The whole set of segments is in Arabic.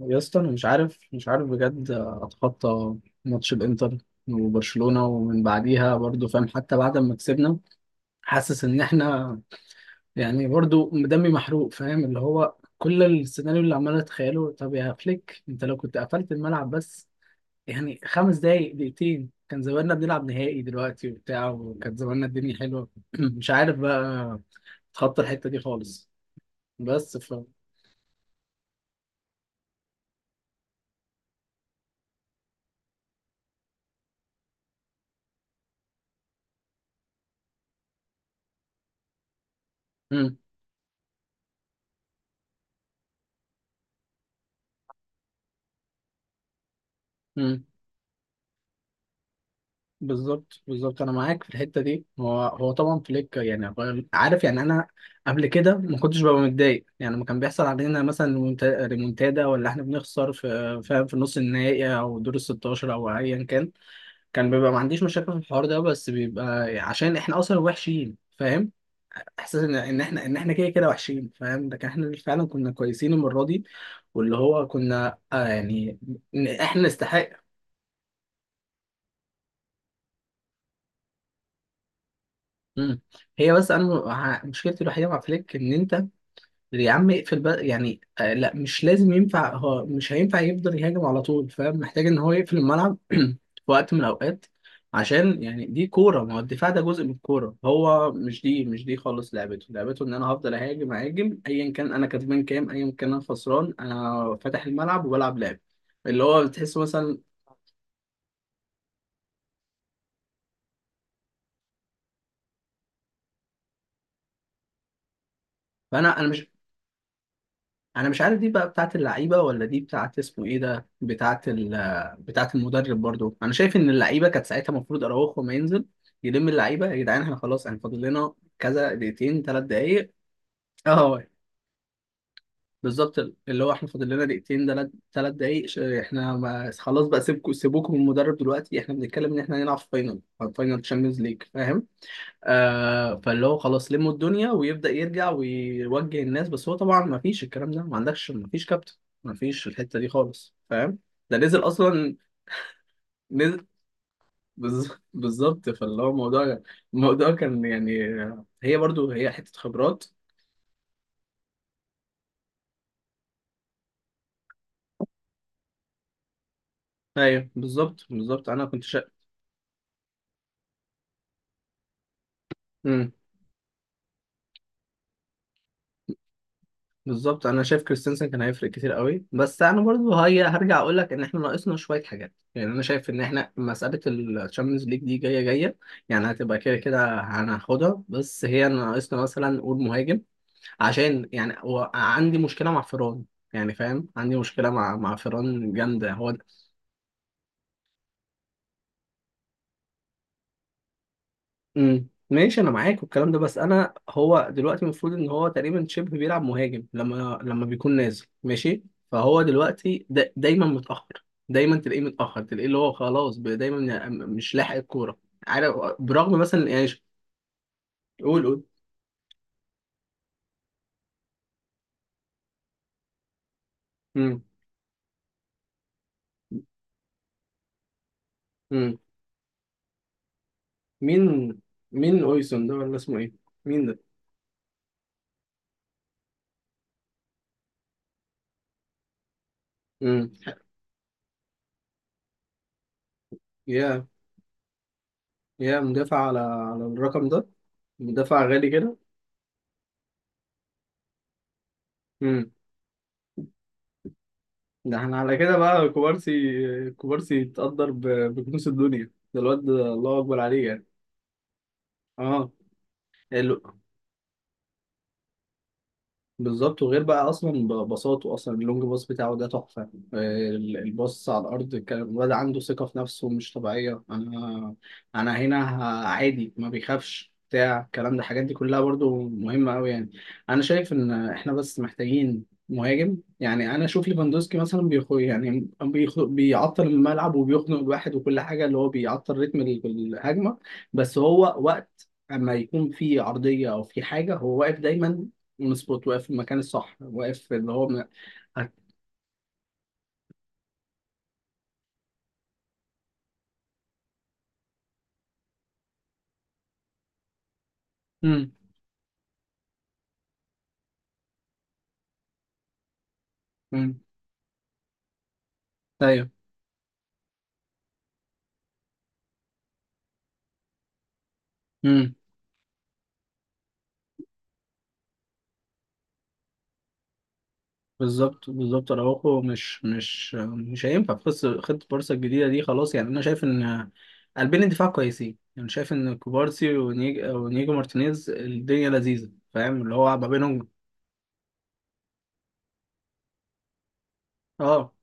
يا اسطى انا مش عارف بجد اتخطى ماتش الانتر وبرشلونة، ومن بعديها برضو فاهم. حتى بعد ما كسبنا حاسس ان احنا يعني برضو دمي محروق فاهم، اللي هو كل السيناريو اللي عمال اتخيله. طب يا فليك انت لو كنت قفلت الملعب بس يعني خمس دقايق، دقيقتين، كان زماننا بنلعب نهائي دلوقتي وبتاع، وكان زماننا الدنيا حلوة. مش عارف بقى اتخطى الحتة دي خالص، بس ف. مم. مم. بالظبط بالظبط، انا معاك في الحته دي. هو طبعا فليك يعني عارف. يعني انا قبل كده ما كنتش ببقى متضايق، يعني لما كان بيحصل علينا مثلا ريمونتادا، ولا احنا بنخسر في فاهم في نص النهائي او دور ال 16 او ايا كان، كان بيبقى ما عنديش مشاكل في الحوار ده، بس بيبقى عشان احنا اصلا وحشين فاهم، احساس ان احنا كده كده وحشين فاهم. لكن احنا فعلا كنا كويسين المره دي، واللي هو كنا آه يعني إن احنا نستحق. مم. هي بس انا مشكلتي الوحيده مع فليك ان انت يا عم اقفل بقى، يعني آه لا مش لازم، ينفع هو مش هينفع يفضل يهاجم على طول فاهم، محتاج ان هو يقفل الملعب في وقت من الاوقات. عشان يعني دي كوره، ما هو الدفاع ده جزء من الكوره. هو مش دي خالص لعبته. لعبته ان انا هفضل اهاجم اهاجم، ايا كان انا كسبان كام، ايا كان انا خسران، انا فاتح الملعب وبلعب لعب، اللي هو بتحس مثلا. فانا مش، انا مش عارف دي بقى بتاعت اللعيبه ولا دي بتاعت اسمه ايه ده، بتاعت ال، بتاعت المدرب. برضو انا شايف ان اللعيبه كانت ساعتها المفروض اراوخو ما ينزل، يلم اللعيبه يا جدعان. احنا خلاص احنا فاضل لنا كذا دقيقتين ثلاث دقائق. اه بالظبط، اللي هو احنا فاضل لنا دقيقتين ثلاث دقائق. احنا ما خلاص بقى، سيبوكم من المدرب دلوقتي. احنا بنتكلم ان احنا هنلعب فاينل، فاينل تشامبيونز ليج. آه، فاللي هو خلاص لموا الدنيا، ويبدأ يرجع ويوجه الناس، بس هو طبعا ما فيش الكلام ده، ما عندكش ما فيش كابتن، ما فيش الحتة دي خالص فاهم. ده نزل أصلا، نزل. بالظبط، فاللي هو الموضوع، الموضوع كان يعني، هي برضو هي حتة خبرات. ايوه بالظبط بالظبط، انا كنت شا... مم. بالظبط، انا شايف كريستنسن كان هيفرق كتير قوي. بس انا برضو هي هرجع اقول لك ان احنا ناقصنا شويه حاجات. يعني انا شايف ان احنا مساله الشامبيونز ليج دي جايه جايه، يعني هتبقى كده كده هناخدها. بس هي ناقصنا مثلا نقول مهاجم، عشان يعني هو عندي مشكله مع فيران، يعني فاهم عندي مشكله مع فيران جامده هو. ماشي، انا معاك والكلام ده. بس انا هو دلوقتي المفروض ان هو تقريبا شبه بيلعب مهاجم لما بيكون نازل ماشي. فهو دلوقتي دا دايما متاخر، دايما تلاقيه متاخر، تلاقيه اللي هو خلاص دايما مش لاحق الكوره. عارف، برغم مثلا يعني ش-. قول. امم. امم. مين، مين اويسون ده ولا اسمه ايه؟ مين ده؟ امم. يا، يا مدافع على على الرقم ده؟ مدافع غالي كده. ده احنا على كده بقى كوبارسي، كوبارسي يتقدر ب-، بكنوز الدنيا ده. الواد ده الله اكبر عليه يعني. اه. ال-. بالظبط، وغير بقى اصلا بساطه، اصلا اللونج باص بتاعه ده تحفه. آه، الباص على الارض، كان الواد عنده ثقه في نفسه مش طبيعيه. انا، انا هنا عادي، ما بيخافش بتاع الكلام ده. الحاجات دي كلها برضو مهمه قوي يعني. انا شايف ان احنا بس محتاجين مهاجم. يعني انا اشوف ليفاندوسكي مثلا بيخو، يعني بيعطل الملعب، وبيخنق الواحد وكل حاجه، اللي هو بيعطل رتم الهجمه. بس هو وقت اما يكون في عرضيه او في حاجه، هو واقف دايما مظبوط، واقف في المكان الصح، واقف في اللي هو م... هت-. مم. مم. ايوه. مم. بالظبط بالظبط، اراوخو مش هينفع في خطه بارسا الجديده دي خلاص. يعني انا شايف ان قلبين الدفاع كويسين، يعني شايف ان كوبارسي ونيجو مارتينيز الدنيا لذيذه فاهم اللي هو ما بينهم. اه.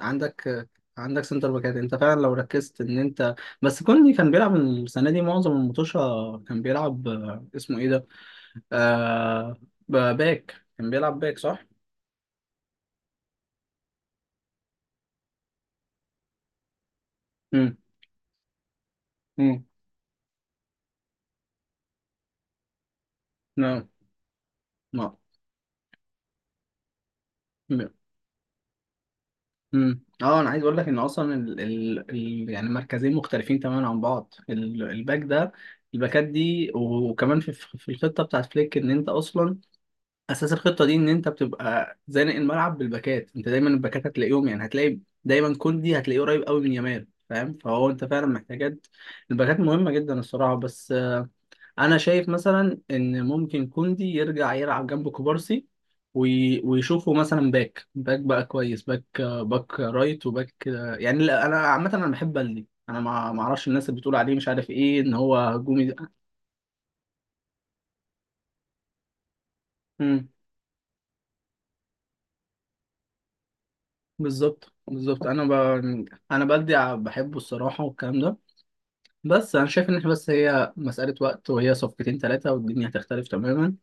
عندك، عندك سنتر باكات انت فعلا لو ركزت ان انت. بس كوني كان بيلعب السنه دي معظم المطوشه، كان بيلعب آه، اسمه ايه ده، آه، باك. كان بيلعب باك، صح؟ امم. امم. نعم. نعم. امم، اه، انا عايز اقول لك ان اصلا ال... ال... ال... يعني مركزين مختلفين تماما عن بعض، ال... الباك ده، الباكات دي. وكمان في في الخطه بتاعت فليك، ان انت اصلا اساس الخطه دي ان انت بتبقى زانق الملعب بالباكات. انت دايما الباكات هتلاقيهم، يعني هتلاقي دايما كوندي هتلاقيه قريب قوي من يامال فاهم. فهو انت فعلا محتاجات الباكات، مهمه جدا الصراحه. بس انا شايف مثلا ان ممكن كوندي يرجع يلعب جنب كوبارسي، ويشوفه مثلا باك، باك كويس. باك باك رايت، وباك آه، يعني لا، انا عامه انا بحب بلدي، انا ما اعرفش الناس اللي بتقول عليه مش عارف ايه ان هو هجومي ده. مم. بالظبط بالظبط، انا ب... انا بلدي بحبه الصراحه، والكلام ده. بس انا شايف ان احنا بس هي مساله وقت، وهي صفقتين ثلاثه والدنيا هتختلف تماما.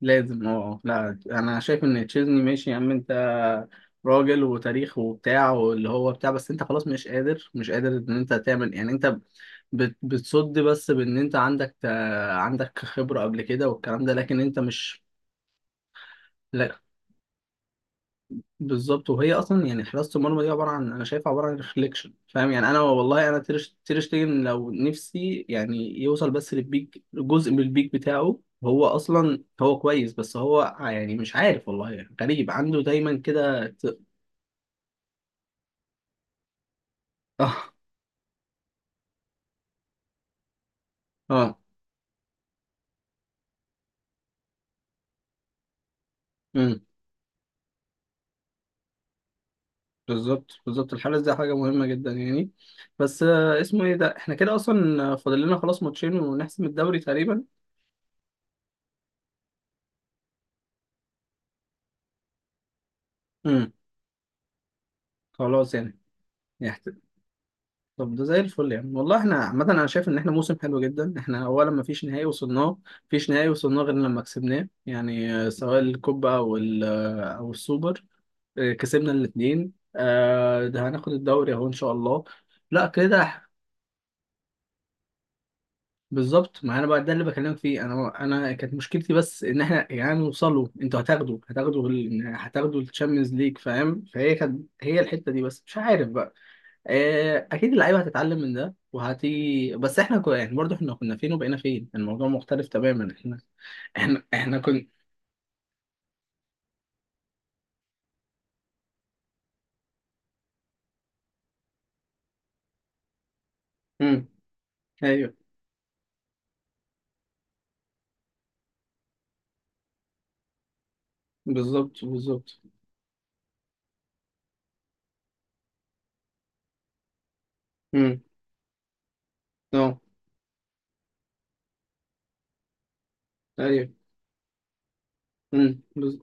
لازم اه آه. لا انا شايف ان تشيزني ماشي يا عم، انت راجل وتاريخ وبتاع، واللي هو بتاع. بس انت خلاص مش قادر ان انت تعمل يعني انت بتصد، بس بان انت عندك، عندك خبرة قبل كده والكلام ده، لكن انت مش. لا بالظبط. وهي اصلا يعني حراسه المرمى دي عباره عن، انا شايفها عباره عن ريفليكشن فاهم يعني. انا والله انا تير شتيجن لو نفسي يعني يوصل بس للبيك، جزء من البيك بتاعه، هو اصلا هو كويس. بس هو يعني مش عارف والله، يعني غريب عنده دايما كده ت-. اه. اه. امم بالظبط بالظبط، الحارس ده حاجه مهمه جدا يعني. بس آه، اسمه ايه ده، احنا كده اصلا فاضل لنا خلاص ماتشين ونحسم الدوري تقريبا. امم. خلاص يعني. طب ده زي الفل يعني والله. احنا عامة انا شايف ان احنا موسم حلو جدا. احنا اولا ما فيش نهائي وصلناه، فيش نهائي وصلناه غير لما كسبناه، يعني آه، سواء الكوبا او ال- آه، او السوبر. آه، كسبنا الاثنين. ده هناخد الدوري اهو ان شاء الله. لا كده ح-. بالظبط، ما انا بقى ده اللي بكلمك فيه. انا، انا كانت مشكلتي بس ان احنا يعني نوصلوا، انتوا هتاخدوا ال-، هتاخدوا الشامبيونز ليج فاهم. فهي كانت هي الحتة دي بس، مش عارف بقى. آه، اكيد اللعيبه هتتعلم من ده وهتيجي. بس احنا كنا يعني برضه احنا كنا فين وبقينا فين، الموضوع مختلف تماما. احنا، احنا كنا. امم. ايوه بالظبط بالظبط. امم. اه. ايوه. بز-.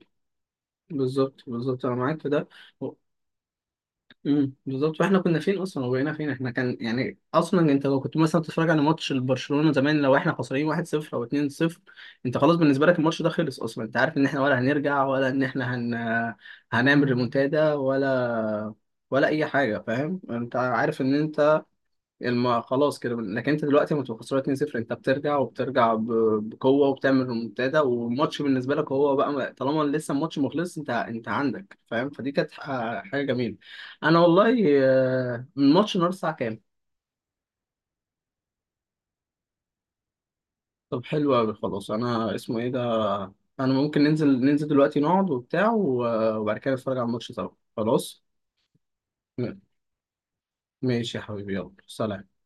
بالظبط بالظبط انا معاك في ده. بالظبط، فاحنا كنا فين اصلا وبقينا فين. احنا كان يعني اصلا انت لو كنت مثلا بتتفرج على ماتش برشلونة زمان، لو احنا خسرانين 1-0 او 2-0، انت خلاص بالنسبه لك الماتش ده خلص اصلا. انت عارف ان احنا ولا هنرجع، ولا ان احنا هن...، هنعمل ريمونتادا، ولا ولا اي حاجه فاهم. انت عارف ان انت الم...، خلاص كده. لكن انت دلوقتي لما تبقى خسران 2-0 انت بترجع، وبترجع ب...، بقوه وبتعمل ريمونتادا، والماتش بالنسبه لك هو بقى م- طالما لسه الماتش مخلص انت، انت عندك فاهم. فدي كانت حاجه جميله. انا والله آه، الماتش النهارده الساعه كام؟ طب حلو قوي خلاص. انا اسمه ايه ده، انا ممكن ننزل دلوقتي، نقعد وبتاع وبعد كده نتفرج على الماتش سوا. خلاص. م- ماشي يا حبيبي، يلا سلام.